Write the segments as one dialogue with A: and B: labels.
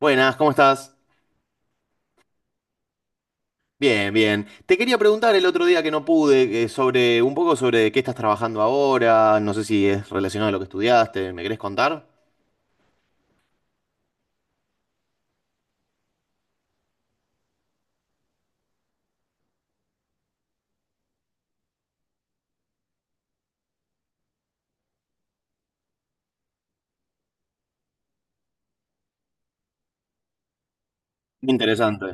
A: Buenas, ¿cómo estás? Bien, bien. Te quería preguntar el otro día que no pude, sobre un poco sobre qué estás trabajando ahora, no sé si es relacionado a lo que estudiaste, ¿me querés contar? Interesante.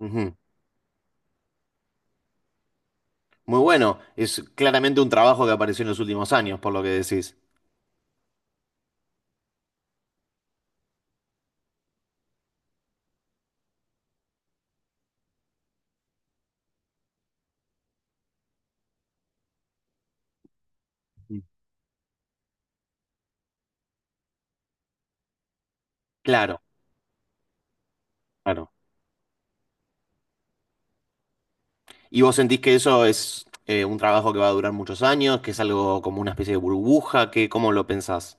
A: Ujú. Muy bueno, es claramente un trabajo que apareció en los últimos años, por lo que decís. Claro, claro. ¿Y vos sentís que eso es un trabajo que va a durar muchos años, que es algo como una especie de burbuja? ¿Qué, ¿cómo lo pensás?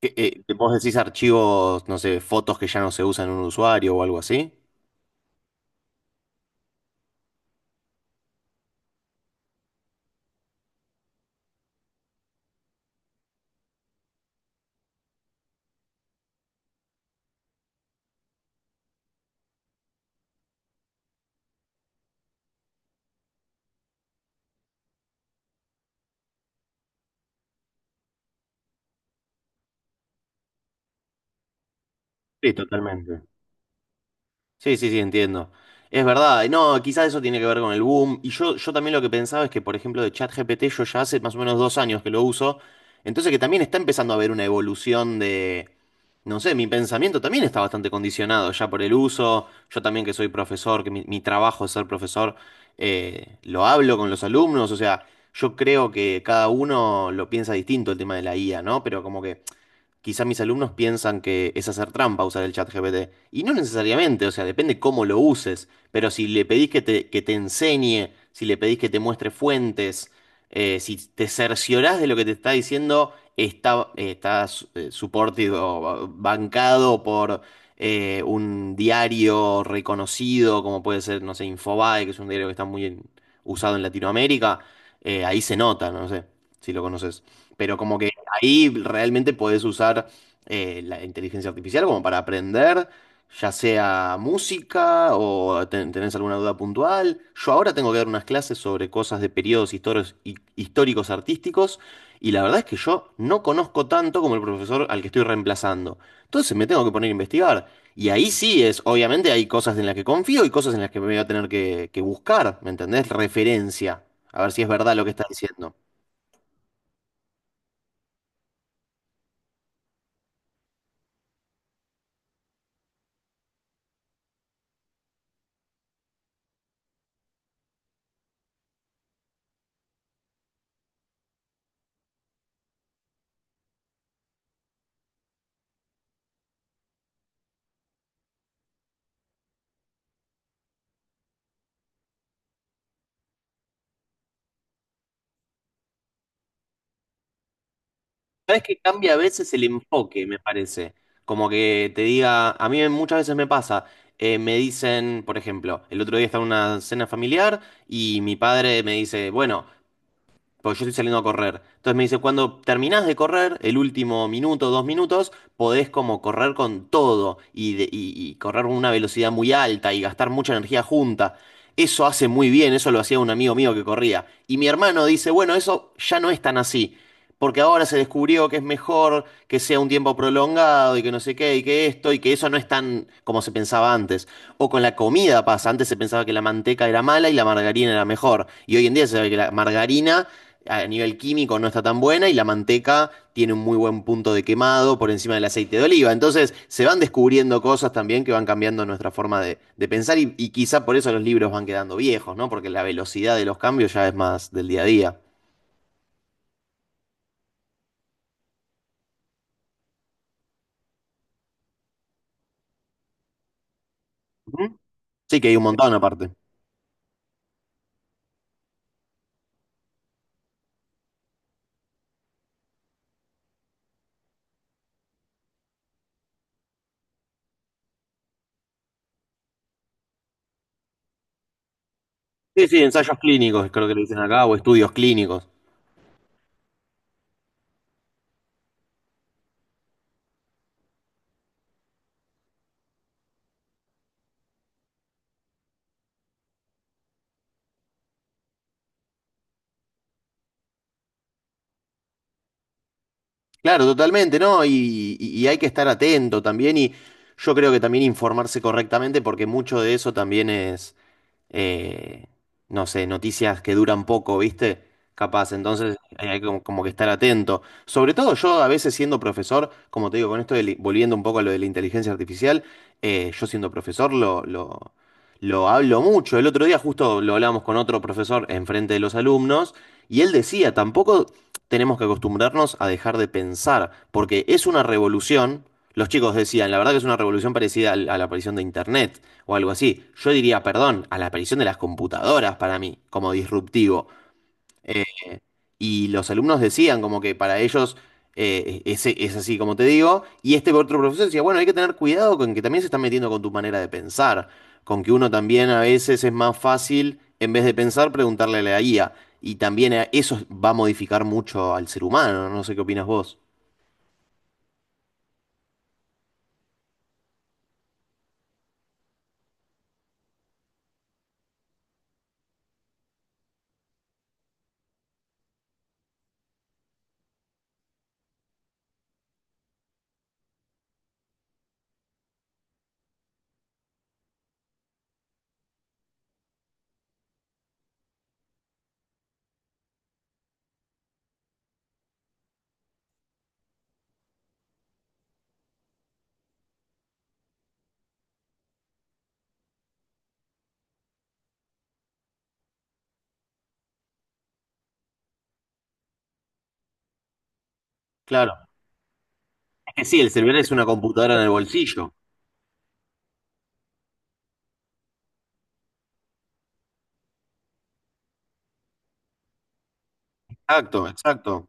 A: ¿Qué, vos decís archivos, no sé, fotos que ya no se usan en un usuario o algo así? Sí, totalmente. Sí, sí, sí, entiendo. Es verdad. Y no, quizás eso tiene que ver con el boom. Y yo también lo que pensaba es que, por ejemplo, de ChatGPT yo ya hace más o menos dos años que lo uso. Entonces que también está empezando a haber una evolución de, no sé, mi pensamiento también está bastante condicionado ya por el uso. Yo también que soy profesor, que mi trabajo es ser profesor, lo hablo con los alumnos. O sea, yo creo que cada uno lo piensa distinto el tema de la IA, ¿no? Pero como que quizá mis alumnos piensan que es hacer trampa usar el chat GPT. Y no necesariamente, o sea, depende cómo lo uses. Pero si le pedís que te enseñe, si le pedís que te muestre fuentes, si te cerciorás de lo que te está diciendo, está supported o bancado por un diario reconocido, como puede ser, no sé, Infobae, que es un diario que está muy usado en Latinoamérica. Ahí se nota, no sé si lo conoces. Pero como que ahí realmente podés usar la inteligencia artificial como para aprender, ya sea música o tenés alguna duda puntual. Yo ahora tengo que dar unas clases sobre cosas de periodos históricos, históricos artísticos, y la verdad es que yo no conozco tanto como el profesor al que estoy reemplazando. Entonces me tengo que poner a investigar. Y ahí sí es, obviamente hay cosas en las que confío y cosas en las que me voy a tener que buscar, ¿me entendés? Referencia, a ver si es verdad lo que está diciendo. Sabes que cambia a veces el enfoque, me parece. Como que te diga, a mí muchas veces me pasa, me dicen, por ejemplo, el otro día estaba en una cena familiar y mi padre me dice, bueno, porque yo estoy saliendo a correr. Entonces me dice, cuando terminás de correr, el último minuto, dos minutos, podés como correr con todo y y correr con una velocidad muy alta y gastar mucha energía junta. Eso hace muy bien, eso lo hacía un amigo mío que corría. Y mi hermano dice, bueno, eso ya no es tan así, porque ahora se descubrió que es mejor que sea un tiempo prolongado y que no sé qué, y que esto, y que eso no es tan como se pensaba antes. O con la comida pasa, antes se pensaba que la manteca era mala y la margarina era mejor, y hoy en día se sabe que la margarina a nivel químico no está tan buena y la manteca tiene un muy buen punto de quemado por encima del aceite de oliva. Entonces se van descubriendo cosas también que van cambiando nuestra forma de pensar y quizá por eso los libros van quedando viejos, ¿no? Porque la velocidad de los cambios ya es más del día a día. Ujú. Sí, que hay un montón aparte. Sí, sí, ensayos clínicos, creo que le dicen acá, o estudios clínicos. Claro, totalmente, ¿no? Y y hay que estar atento también y yo creo que también informarse correctamente porque mucho de eso también es, eh, no sé, noticias que duran poco, ¿viste? Capaz, entonces hay como, como que estar atento. Sobre todo yo a veces siendo profesor, como te digo, con esto de volviendo un poco a lo de la inteligencia artificial, yo siendo profesor lo hablo mucho. El otro día justo lo hablábamos con otro profesor enfrente de los alumnos y él decía, tampoco tenemos que acostumbrarnos a dejar de pensar, porque es una revolución. Los chicos decían, la verdad que es una revolución parecida a la aparición de Internet o algo así. Yo diría, perdón, a la aparición de las computadoras para mí, como disruptivo. Y los alumnos decían como que para ellos es así, como te digo. Y este otro profesor decía, bueno, hay que tener cuidado con que también se están metiendo con tu manera de pensar. Con que uno también a veces es más fácil, en vez de pensar, preguntarle a la guía. Y también eso va a modificar mucho al ser humano. No sé qué opinas vos. Claro. Es que sí, el celular es una computadora en el bolsillo. Exacto, exacto.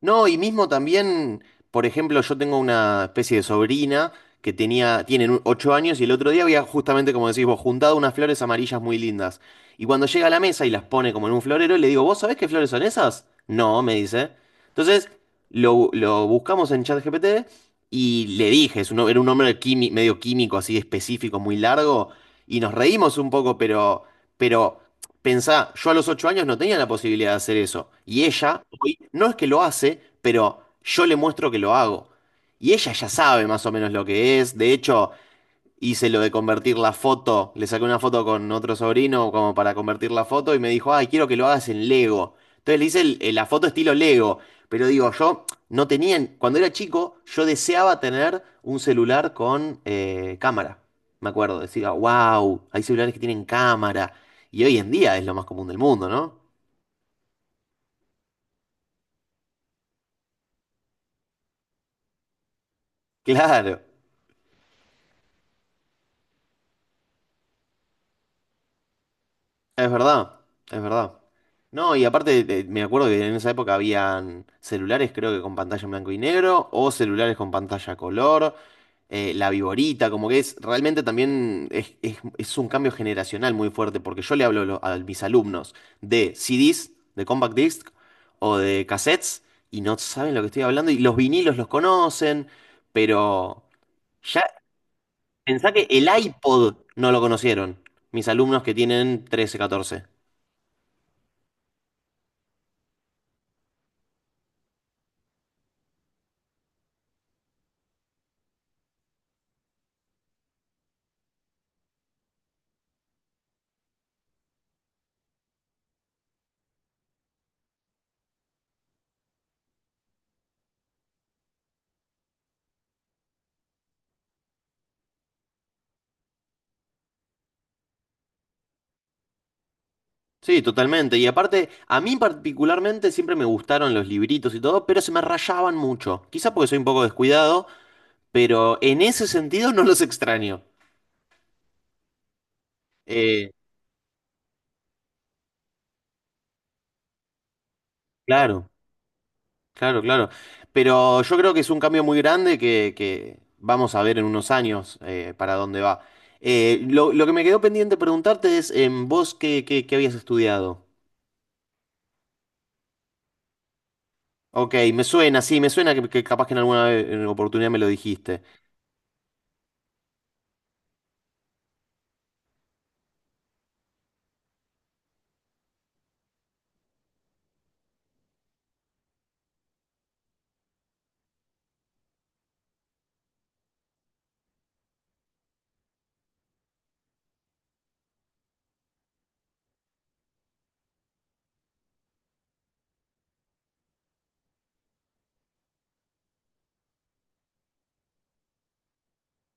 A: No, y mismo también, por ejemplo, yo tengo una especie de sobrina que tiene 8 años y el otro día había justamente, como decís vos, juntado unas flores amarillas muy lindas. Y cuando llega a la mesa y las pone como en un florero, le digo, ¿vos sabés qué flores son esas? No, me dice. Entonces, lo buscamos en ChatGPT y le dije, es un, era un nombre medio químico, así específico, muy largo, y nos reímos un poco, pero pensá, yo a los 8 años no tenía la posibilidad de hacer eso. Y ella, hoy, no es que lo hace, pero yo le muestro que lo hago. Y ella ya sabe más o menos lo que es. De hecho, hice lo de convertir la foto, le saqué una foto con otro sobrino como para convertir la foto y me dijo, ay, quiero que lo hagas en Lego. Entonces le hice la foto estilo Lego, pero digo, yo no tenía, cuando era chico, yo deseaba tener un celular con cámara. Me acuerdo, decía, wow, hay celulares que tienen cámara. Y hoy en día es lo más común del mundo, ¿no? Claro. Es verdad, es verdad. No, y aparte me acuerdo que en esa época habían celulares, creo que con pantalla en blanco y negro, o celulares con pantalla a color, la viborita, como que es realmente también es un cambio generacional muy fuerte, porque yo le hablo a, a mis alumnos de CDs, de compact disc o de cassettes, y no saben lo que estoy hablando, y los vinilos los conocen, pero ya pensá que el iPod no lo conocieron, mis alumnos que tienen 13 catorce. Sí, totalmente. Y aparte, a mí particularmente siempre me gustaron los libritos y todo, pero se me rayaban mucho. Quizá porque soy un poco descuidado, pero en ese sentido no los extraño. Eh, claro, claro, claro. Pero yo creo que es un cambio muy grande que vamos a ver en unos años para dónde va. Lo que me quedó pendiente preguntarte es, ¿vos qué habías estudiado? Ok, me suena, sí, me suena que capaz que en alguna oportunidad me lo dijiste.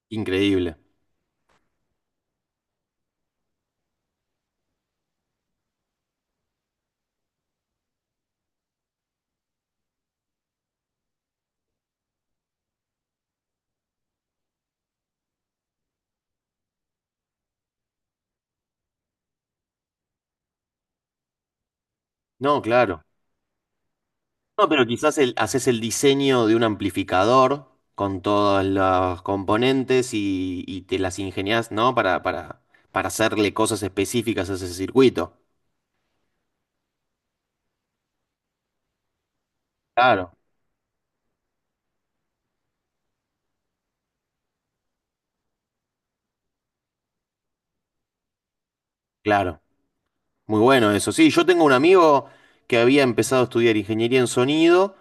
A: Increíble. No, claro. No, pero quizás haces el diseño de un amplificador con todos los componentes y te las ingenias, ¿no? Para hacerle cosas específicas a ese circuito. Claro, claro. Muy bueno eso. Sí, yo tengo un amigo que había empezado a estudiar ingeniería en sonido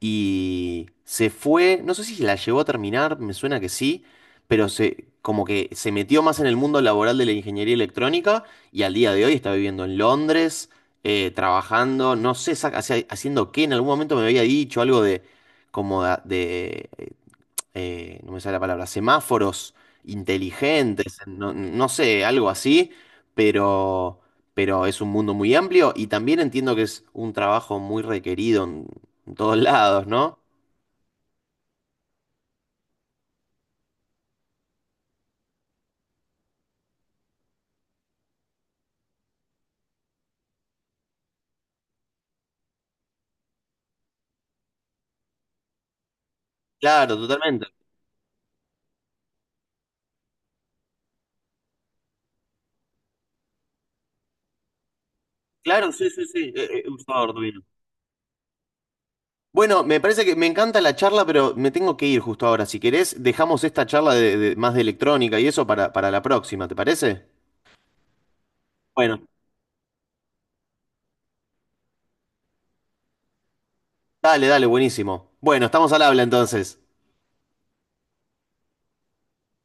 A: y se fue, no sé si la llegó a terminar, me suena que sí, pero se como que se metió más en el mundo laboral de la ingeniería electrónica y al día de hoy está viviendo en Londres, trabajando, no sé haciendo qué, en algún momento me había dicho algo de como de no me sale la palabra, semáforos inteligentes, no, no sé, algo así, pero, pero es un mundo muy amplio y también entiendo que es un trabajo muy requerido en todos lados, ¿no? Claro, totalmente. Claro, sí, sí, sí. Por favor, Rubino. Bueno, me parece que me encanta la charla, pero me tengo que ir justo ahora. Si querés, dejamos esta charla más de electrónica y eso para la próxima, ¿te parece? Bueno, dale, dale, buenísimo. Bueno, estamos al habla entonces.